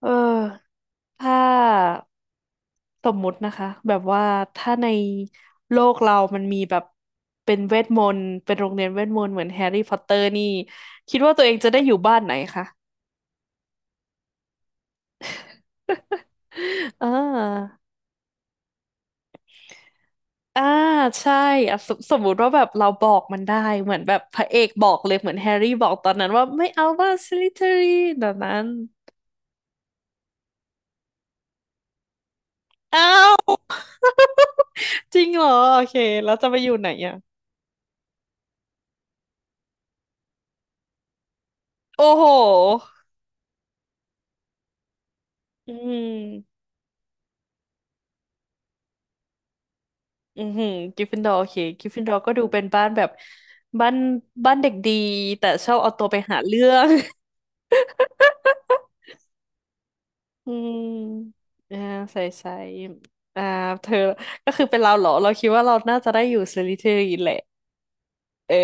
เออถ้าสมมุตินะคะแบบว่าถ้าในโลกเรามันมีแบบเป็นเวทมนต์เป็นโรงเรียนเวทมนต์เหมือนแฮร์รี่พอตเตอร์นี่คิดว่าตัวเองจะได้อยู่บ้านไหนคะ อ่าอ่าใช่อ่ะสมมุติว่าแบบเราบอกมันได้เหมือนแบบพระเอกบอกเลยเหมือนแฮร์รี่บอกตอนนั้นว่าไม่เอาบ้านสลิธีรินแบบนั้นอ้าวจริงเหรอโอเคแล้วจะไปอยู่ไหนอ่ะโอ้โหอืม อือหือกิฟฟินดอร์โอเคกริฟฟินดอร์ก็ดูเป็นบ้านแบบบ้านบ้านเด็กดีแต่ชอบเอาตัวไปหาเรื่อง อืมอ่าใส่ใส่อ่าเธอก็คือเป็นเราเหรอเราคิดว่าเราน่าจะได้อยู่สลิธีรินแหละเออ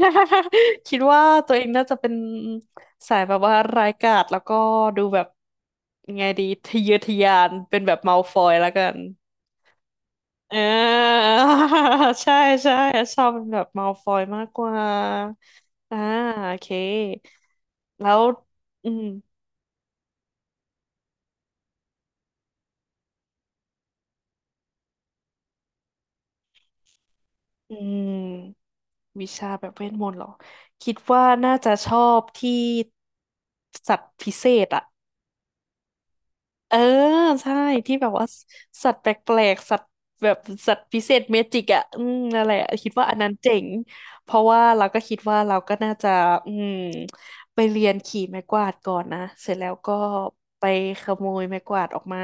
คิดว่าตัวเองน่าจะเป็นสายแบบว่าร้ายกาจแล้วก็ดูแบบยังไงดีทะเยอทะยานเป็นแบบมัลฟอยแล้วกัน เออ ใช่ใช่ชอบเป็นแบบมัลฟอยมากกว่าอ่าโอเคแล้วอืมอืมวิชาแบบเวทมนต์เหรอคิดว่าน่าจะชอบที่สัตว์พิเศษอะ เออใช่ที่แบบว่าสัตว์แปลกๆสัตว์แบบสัตว์พิเศษเมจิกอ่ะนั่นแหละคิดว่าอันนั้นเจ๋งเพราะว่าเราก็คิดว่าเราก็น่าจะอืมไปเรียนขี่ไม้กวาดก่อนนะเสร็จแล้วก็ไปขโมยไม้กวาดออกมา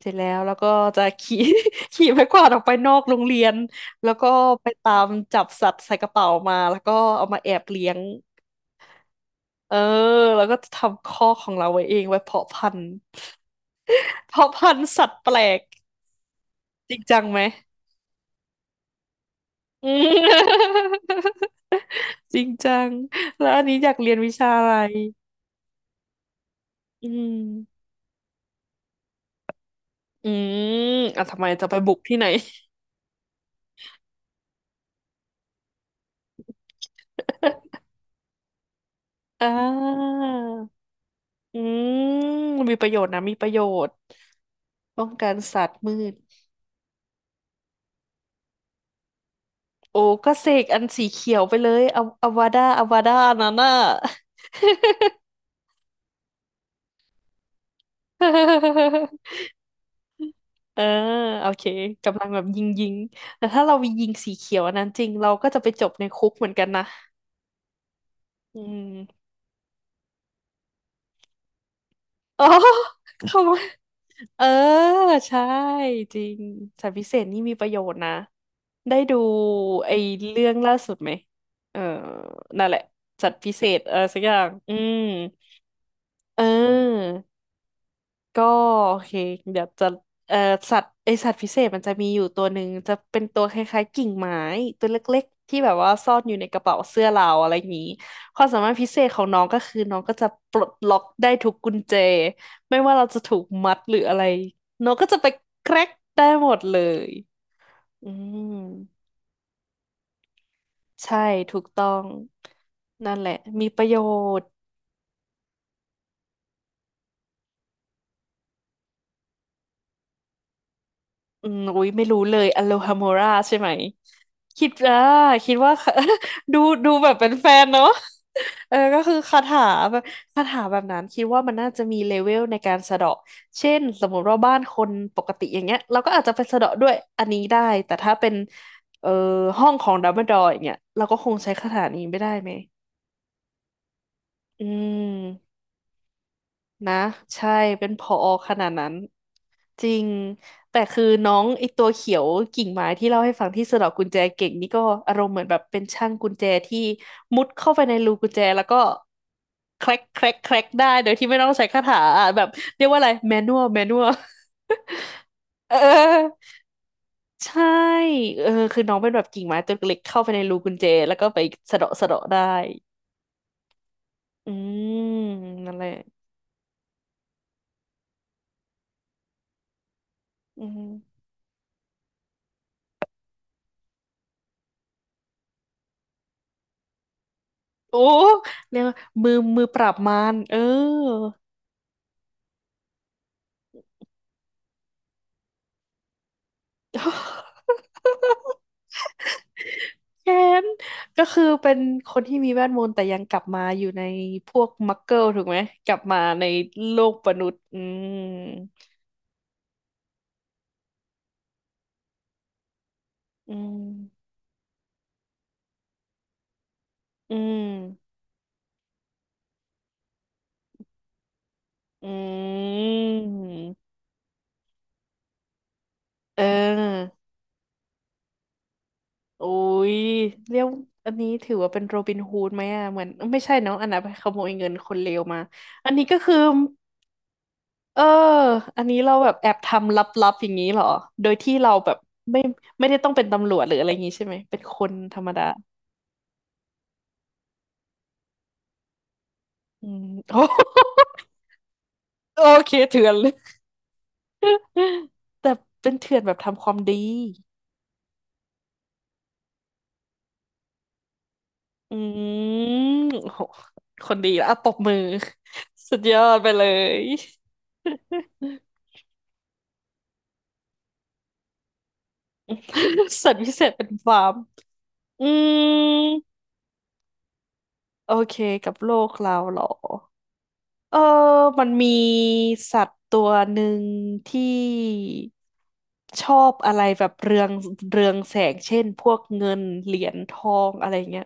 เสร็จแล้วแล้วก็จะขี่ ขี่ไม้กวาดออกไปนอกโรงเรียนแล้วก็ไปตามจับสัตว์ใส่กระเป๋ามาแล้วก็เอามาแอบเลี้ยงเออแล้วก็ทำคอกของเราไว้เองไว้เพาะพันธุ์ เพาะพันธุ์สัตว์แปลกจริงจังไหมอืม จริงจังแล้วอันนี้อยากเรียนวิชาอะไรอืมอืมอ่ะทำไมจะไปบุกที่ไหน อ่าอืมมีประโยชน์นะมีประโยชน์ป้องกันสัตว์มืดโอ้ก็เสกอันสีเขียวไปเลยอวาดาอวาดานั่นน่ะ เออโอเคกำลังแบบยิงแต่ถ้าเรายิงสีเขียวอันนั้นจริงเราก็จะไปจบในคุกเหมือนกันนะ อืม อ๋อเขาเออ ใช่ จริงสัตว์พิเศษนี่มีประโยชน์นะ ได้ดูไอ้เรื่องล่าสุดไหม เออนั่นแหละสัตว์พิเศษ เออสักอย่างอืมเออ ก็โอเคเดี๋ยวจะเอ่อสัตว์สัตว์พิเศษมันจะมีอยู่ตัวหนึ่งจะเป็นตัวคล้ายๆกิ่งไม้ตัวเล็กๆที่แบบว่าซ่อนอยู่ในกระเป๋าเสื้อเราอะไรอย่างนี้ความสามารถพิเศษของน้องก็คือน้องก็จะปลดล็อกได้ทุกกุญแจไม่ว่าเราจะถูกมัดหรืออะไรน้องก็จะไปแคร็กได้หมดเลยอืมใช่ถูกต้องนั่นแหละมีประโยชน์ อืมอุ๊ยไม่รู้เลยอโลฮาม o ราใช่ไหม คิดอ่าคิดว่า ดูดูแบบเป็นแฟนเนาะเออก็คือคาถาแบบคาถาแบบนั้น คิดว่ามันน่าจะมีเลเวลในการสะเดาะเช่น สมมติว่าบ้านคนปกติอย่างเงี้ยเราก็อาจจะไปสะเดาะด้วยอันนี้ได้ แต่ถ้าเป็นเอ่อห้องของดัมเบิลดอร์อย่างเงี้ยเราก็คงใช้คาถานี้ไม่ได้ไหมอืม นะใช่เป็นผอขนาดนั้นจริงแต่คือน้องตัวเขียวกิ่งไม้ที่เล่าให้ฟังที่สะเดอกกุญแจเก่งนี่ก็อารมณ์เหมือนแบบเป็นช่างกุญแจที่มุดเข้าไปในรูกุญแจแล้วก็แคร็กได้โดยที่ไม่ต้องใช้คาถาอ่ะแบบเรียกว่าอะไรแมนวล เออใช่เออคือน้องเป็นแบบกิ่งไม้ตัวเล็กเข้าไปในรูกุญแจแล้วก็ไปสะเดาะได้อืมนั่นแหละอืม โอ้เรียกว่ามือปราบมารเออ แค้นก็คือเป็นคนที่มีแวดมนต์แต่ยังกลับมาอยู่ในพวกมักเกิลถูกไหมกลับมาในโลกมนุษย์มอืม อืม อืม เออ โอ้ย เรียกอันนี้ถือว่าเป็นโรบินฮูดไหมอ่ะเหมือนไม่ใช่เนาะอันนั้นไปขโมยเงินคนเลวมา อันนี้ก็คือ เออ อันนี้เราแบบแอบทำลับๆอย่างนี้เหรอ โดยที่เราแบบไม่ไม่ได้ต้องเป็นตำรวจหรืออะไรอย่างนี้ใช่ไหม เป็นคนธรรมดาอืม โอเคเถื่อนเลยแต่เป็นเถื่อนแบบทำความดีอืมโอ้โหคนดีแล้วอ่ะปรบมือสุดยอดไปเลย สัตว์วิเศษเป็นฟาร์มอืมโอเคกับโลกเราเหรอ เออมันมีสัตว์ตัวหนึ่งที่ชอบอะไรแบบเรืองเรืองแสงเช่นพวกเงินเหรียญทองอะไรเงี้ย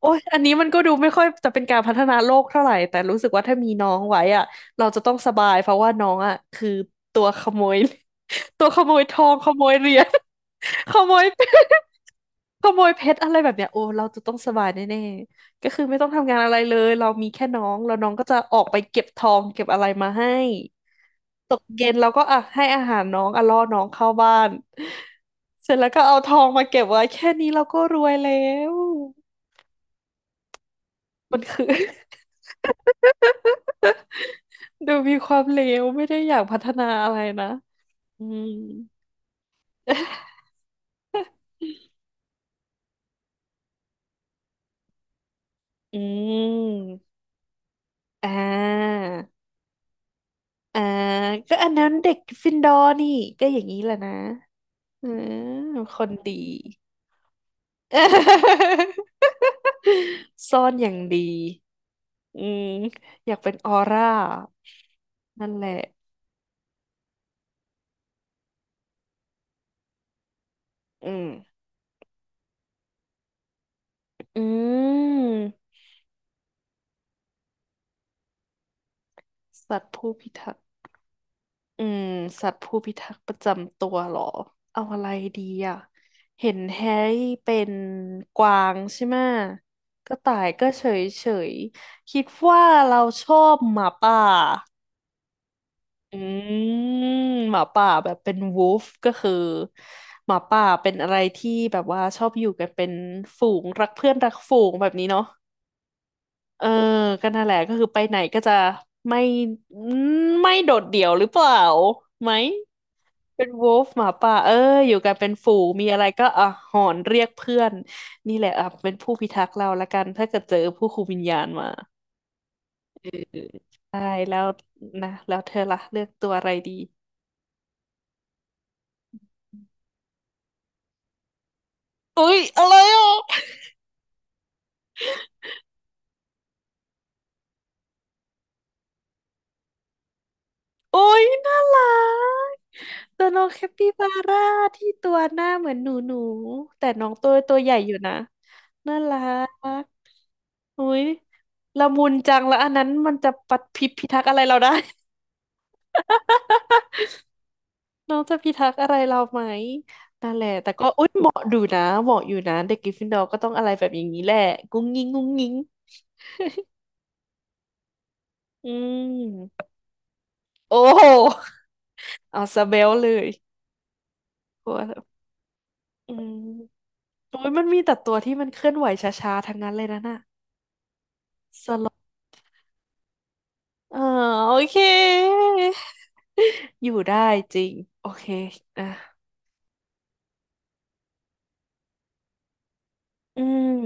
โอ้ยอันนี้มันก็ดูไม่ค่อยจะเป็นการพัฒนาโลกเท่าไหร่แต่รู้สึกว่าถ้ามีน้องไว้อะเราจะต้องสบายเพราะว่าน้องอะคือตัวขโมย ตัวขโมยทองขโมยเหรียญ ขโมย ขโมยเพชรอะไรแบบเนี้ยโอ้เราจะต้องสบายแน่ๆก็คือไม่ต้องทำงานอะไรเลยเรามีแค่น้องแล้วน้องก็จะออกไปเก็บทองเก็บอะไรมาให้ตกเย็นเราก็อ่ะให้อาหารน้องอ่ะล่อน้องเข้าบ้านเสร็จแล้วก็เอาทองมาเก็บไว้แค่นี้เราก็รวยแล้วมันคือ ดูมีความเลวไม่ได้อยากพัฒนาอะไรนะ อืม อืม อ่า อ่า ก็อันนั้นเด็กกริฟฟินดอร์นี่ก็อย่างนี้แหละนะอืมคนดี ซ่อนอย่างดีอืมอยากเป็นออร่านั่นแหละ อืม อืม สัตว์ผู้พิทักษ์ อืมสัตว์ผู้พิทักษ์ประจำตัวเหรอเอาอะไรดีอ่ะเห็นแฮร์รี่เป็นกวางใช่ไหมะกระต่ายก็เฉยเฉยคิดว่าเราชอบหมาป่าอืมหมาป่าแบบเป็นวูฟก็คือหมาป่าเป็นอะไรที่แบบว่าชอบอยู่กันเป็นฝูงรักเพื่อนรักฝูงแบบนี้เนาะ เออก็นั่นแหละก็คือไปไหนก็จะไม่ไม่โดดเดี่ยวหรือเปล่าไหมเป็นวูฟหมาป่าเอออยู่กันเป็นฝูงมีอะไรก็อ่ะหอนเรียกเพื่อนนี่แหละอ่ะเป็นผู้พิทักษ์เราละกันถ้าเกิดเจอผู้คุมวิญญาณมาเออใช่แล้วนะแล้วเธอล่ะเลือกตัวอะไรดีอุ้ยอะไรอ่ะ โอ้ยน่ารักตัวน้องแคปปิบาร่าที่ตัวหน้าเหมือนหนูหนูแต่น้องตัวใหญ่อยู่นะน่ารักอุ้ยละมุนจังแล้วอันนั้นมันจะปัดพิพิทักษ์อะไรเราได้ น้องจะพิทักษ์อะไรเราไหมนั่นแหละแต่ก็อุ้ยเหมาะดูนะเหมาะอยู่นะเด็กกริฟฟินดอร์ก็ต้องอะไรแบบอย่างนี้แหละกุ้งงิ้งกุ้งงิ้งอืมโอ้โหเอาซะเบลเลยกลัวแบบอืมโอ้ยมันมีแต่ตัวที่มันเคลื่อนไหวช้าๆทั้งนั้นเลยนะน่ะ สลบเออโอเค อยู่ได้จริงโอเคอ่ะอืม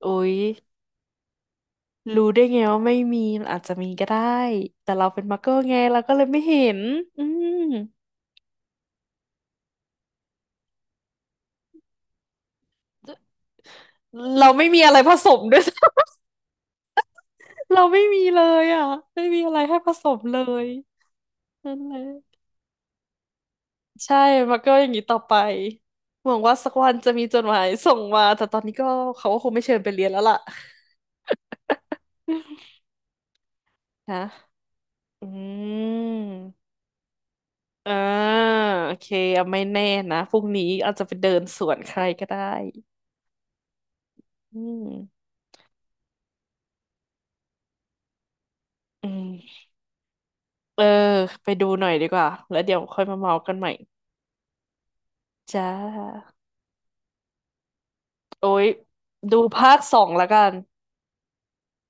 โอ้ยรู้ได้ไงว่าไม่มีมันอาจจะมีก็ได้แต่เราเป็นมักเกิลไงเราก็เลยไม่เห็นอืมเราไม่มีอะไรผสมด้วย เราไม่มีเลยอ่ะไม่มีอะไรให้ผสมเลยนั่นแหละใช่มักเกิลอย่างนี้ต่อไปหวังว่าสักวันจะมีจดหมายส่งมาแต่ตอนนี้ก็เขาก็คงไม่เชิญไปเรียนแล้วล่ะ นะอืม อ่าโอเคเอาไม่แน่นะพรุ่งนี้อาจจะไปเดินสวนใครก็ได้อืมอืมเออไปดูหน่อยดีกว่าแล้วเดี๋ยวค่อยมาเมากันใหม่จ้าโอ้ยดูภาคสองแล้วกัน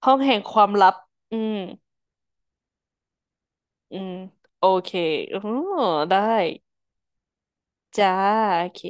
ห้องแห่งความลับอืมอืมโอเคอ๋อได้จ้าโอเค